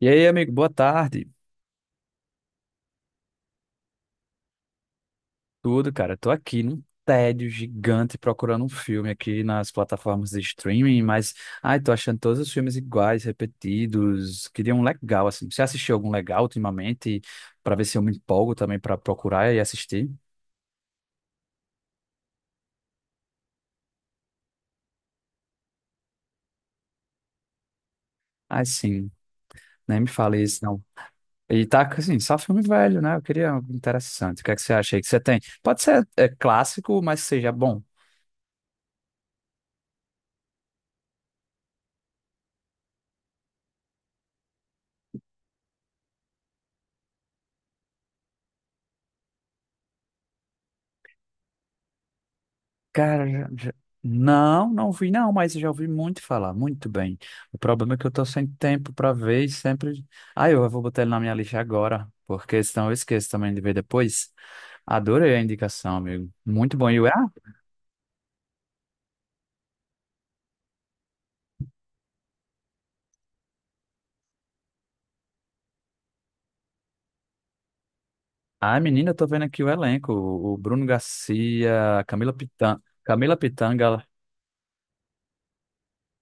E aí, amigo, boa tarde. Tudo, cara? Tô aqui num tédio gigante procurando um filme aqui nas plataformas de streaming, mas, tô achando todos os filmes iguais, repetidos. Queria um legal, assim. Você assistiu algum legal ultimamente? Pra ver se eu me empolgo também pra procurar e assistir? Ai, sim, nem me fale isso, não. E tá, assim, só filme velho, né? Eu queria algo interessante. O que é que você acha aí que você tem? Pode ser clássico, mas seja bom. Cara, não, não vi não, mas eu já ouvi muito falar, muito bem. O problema é que eu tô sem tempo pra ver e sempre... Ah, eu vou botar ele na minha lista agora, porque senão eu esqueço também de ver depois. Adorei a indicação, amigo. Muito bom. E o... menina, eu tô vendo aqui o elenco. O Bruno Garcia, a Camila Pitanga,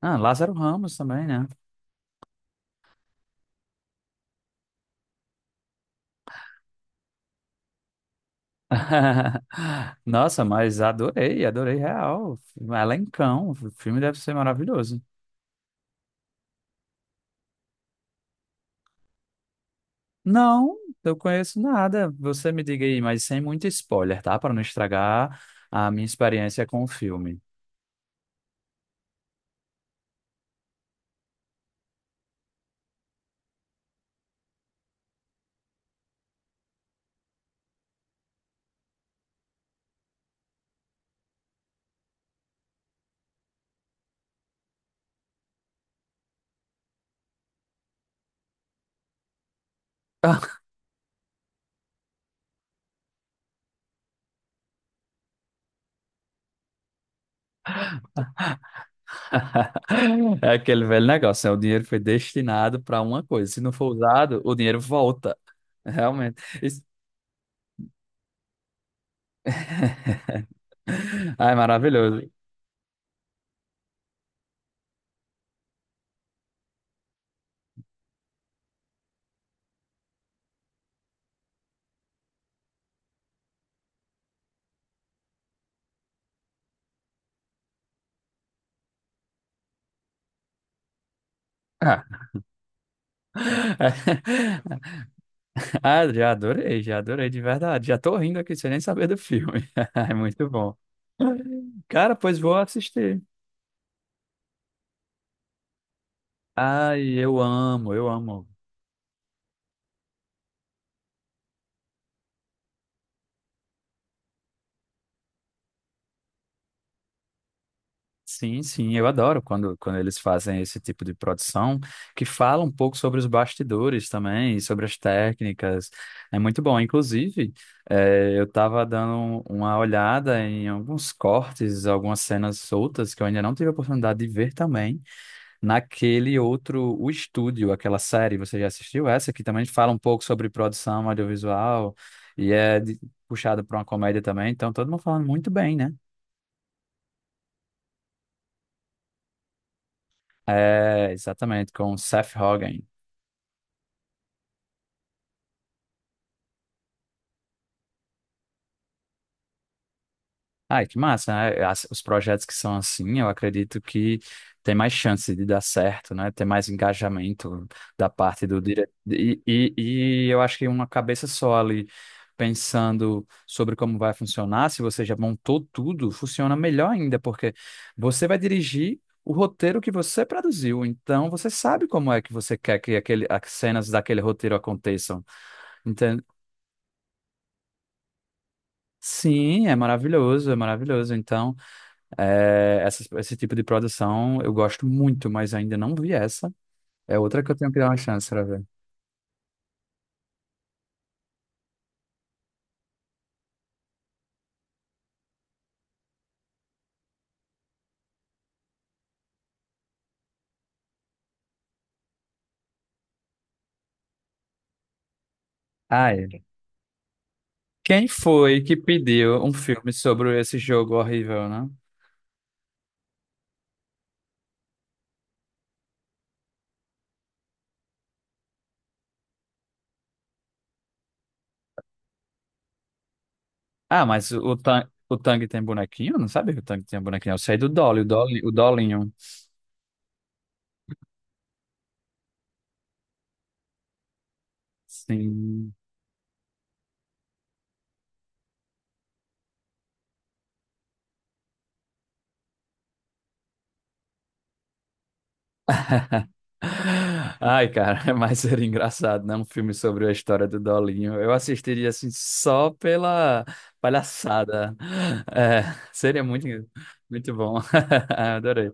ah, Lázaro Ramos também, né? Nossa, mas adorei, adorei real. Elencão, o filme deve ser maravilhoso. Não, eu conheço nada. Você me diga aí, mas sem muito spoiler, tá? Para não estragar a minha experiência com o filme. É aquele velho negócio, né? O dinheiro foi destinado para uma coisa. Se não for usado, o dinheiro volta. Realmente. Ai, maravilhoso. Ah, Ah, já adorei de verdade. Já tô rindo aqui sem nem saber do filme. É muito bom. Cara, pois vou assistir. Ai, eu amo, eu amo. Sim, sim, eu adoro quando eles fazem esse tipo de produção, que fala um pouco sobre os bastidores também, sobre as técnicas. É muito bom. Inclusive, eu estava dando uma olhada em alguns cortes, algumas cenas soltas que eu ainda não tive a oportunidade de ver também, naquele outro, O Estúdio, aquela série. Você já assistiu essa, que também fala um pouco sobre produção audiovisual e puxada para uma comédia também. Então, todo mundo falando muito bem, né? É, exatamente, com o Seth Rogen. Ai, que massa, né? Os projetos que são assim, eu acredito que tem mais chance de dar certo, né? Tem mais engajamento da parte do diretor. E, eu acho que uma cabeça só ali, pensando sobre como vai funcionar, se você já montou tudo, funciona melhor ainda, porque você vai dirigir o roteiro que você produziu, então você sabe como é que você quer que aquele, as cenas daquele roteiro aconteçam. Sim, é maravilhoso, é maravilhoso. Então, esse tipo de produção eu gosto muito, mas ainda não vi essa. É outra que eu tenho que dar uma chance pra ver. Ai, quem foi que pediu um filme sobre esse jogo horrível, né? Ah, mas Tang, o Tang tem bonequinho? Eu Não sabe que o Tang tem bonequinho. Eu sei do Dolly, o Dolinho. Sim. Ai, cara, mas seria engraçado, né? Um filme sobre a história do Dolinho. Eu assistiria assim só pela palhaçada. É, seria muito, muito bom. Adorei.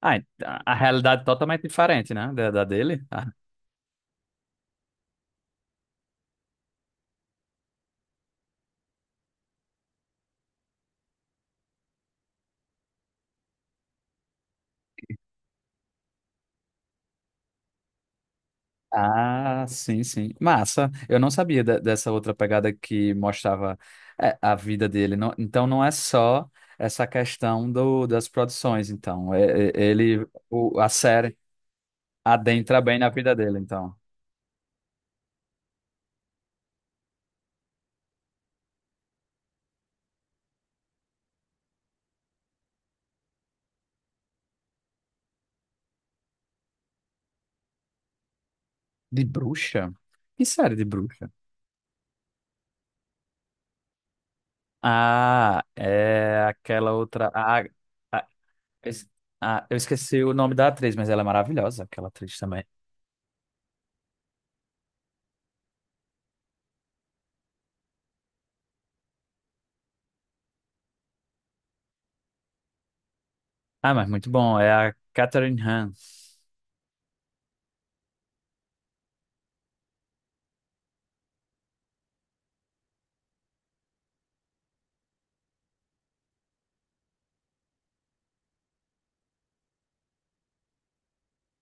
Ah, ent- a realidade totalmente diferente, né? Da dele. Ah, sim, sim. Massa. Eu não sabia dessa outra pegada que mostrava a vida dele. Então não é só essa questão do, das produções, então. Ele, a série. Adentra bem na vida dele, então. De bruxa? Que série de bruxa? Ah, é aquela outra. Ah, es- ah, eu esqueci o nome da atriz, mas ela é maravilhosa, aquela atriz também. Ah, mas muito bom. É a Catherine Hahn.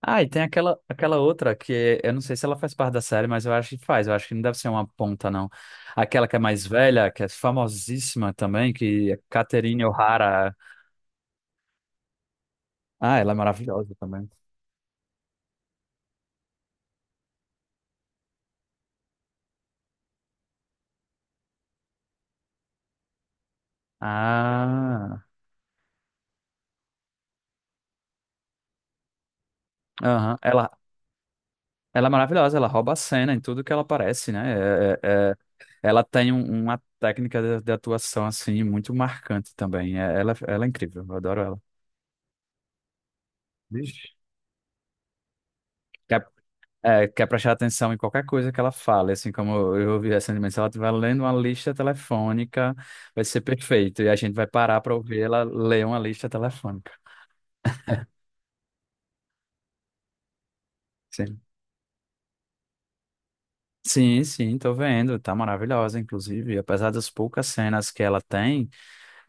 Ah, e tem aquela, aquela outra que eu não sei se ela faz parte da série, mas eu acho que faz. Eu acho que não deve ser uma ponta, não. Aquela que é mais velha, que é famosíssima também, que é Catherine O'Hara. Ah, ela é maravilhosa também. Ah, aham. Ela é maravilhosa, ela rouba a cena em tudo que ela aparece, né? É- é- é- ela tem uma técnica de atuação, assim, muito marcante também. Ela é incrível, eu adoro ela. Vixe. Quer, é, quer prestar atenção em qualquer coisa que ela fale, assim, como eu ouvi recentemente, se ela estiver lendo uma lista telefônica, vai ser perfeito. E a gente vai parar para ouvir ela ler uma lista telefônica. Sim. Sim, sim, tô vendo. Tá maravilhosa, inclusive. Apesar das poucas cenas que ela tem,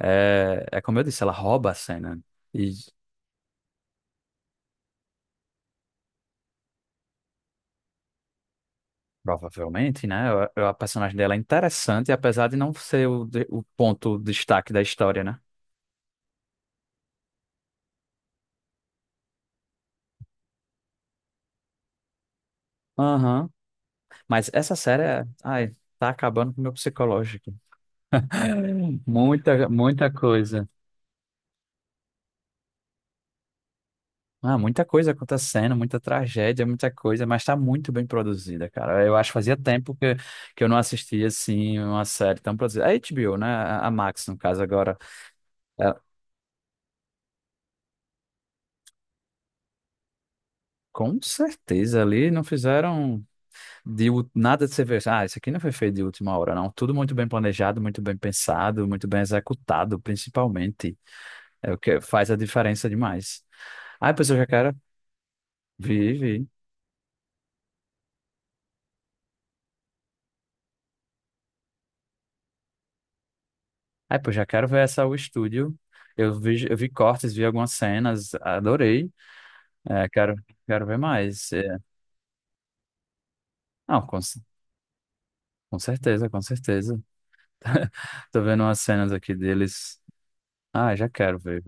é como eu disse, ela rouba a cena. Provavelmente, né? A personagem dela é interessante, apesar de não ser o ponto destaque da história, né? Aham. Mas essa série, ai, tá acabando com o meu psicológico. Muita, muita coisa. Ah, muita coisa acontecendo, muita tragédia, muita coisa, mas tá muito bem produzida, cara. Eu acho que fazia tempo que eu não assistia, assim, uma série tão produzida. A HBO, né? A Max, no caso, agora. É, com certeza ali não fizeram. Nada de você ver, ah, isso aqui não foi feito de última hora, não. Tudo muito bem planejado, muito bem pensado, muito bem executado, principalmente. É o que faz a diferença demais. Ai, pois eu já quero vi, vi. Ah, pois já quero ver essa o estúdio. Eu vi, cortes, vi algumas cenas, adorei. É, quero ver mais. É, não, com certeza, com certeza. Tô vendo umas cenas aqui deles. Ah, já quero ver.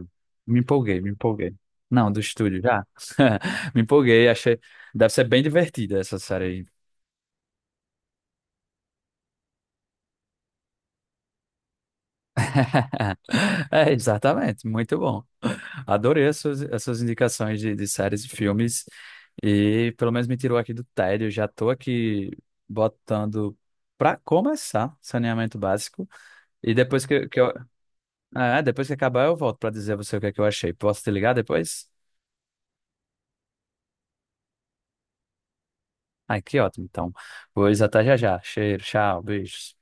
Me empolguei, me empolguei. Não, do estúdio, já. Me empolguei, achei. Deve ser bem divertida essa série aí. É, exatamente, muito bom. Adorei as suas indicações de séries e filmes. E pelo menos me tirou aqui do tédio. Já tô aqui botando pra começar saneamento básico. E depois que eu. É, depois que acabar, eu volto pra dizer a você o que é que eu achei. Posso te ligar depois? Ai, que ótimo. Então, vou até já já. Cheiro, tchau, beijos.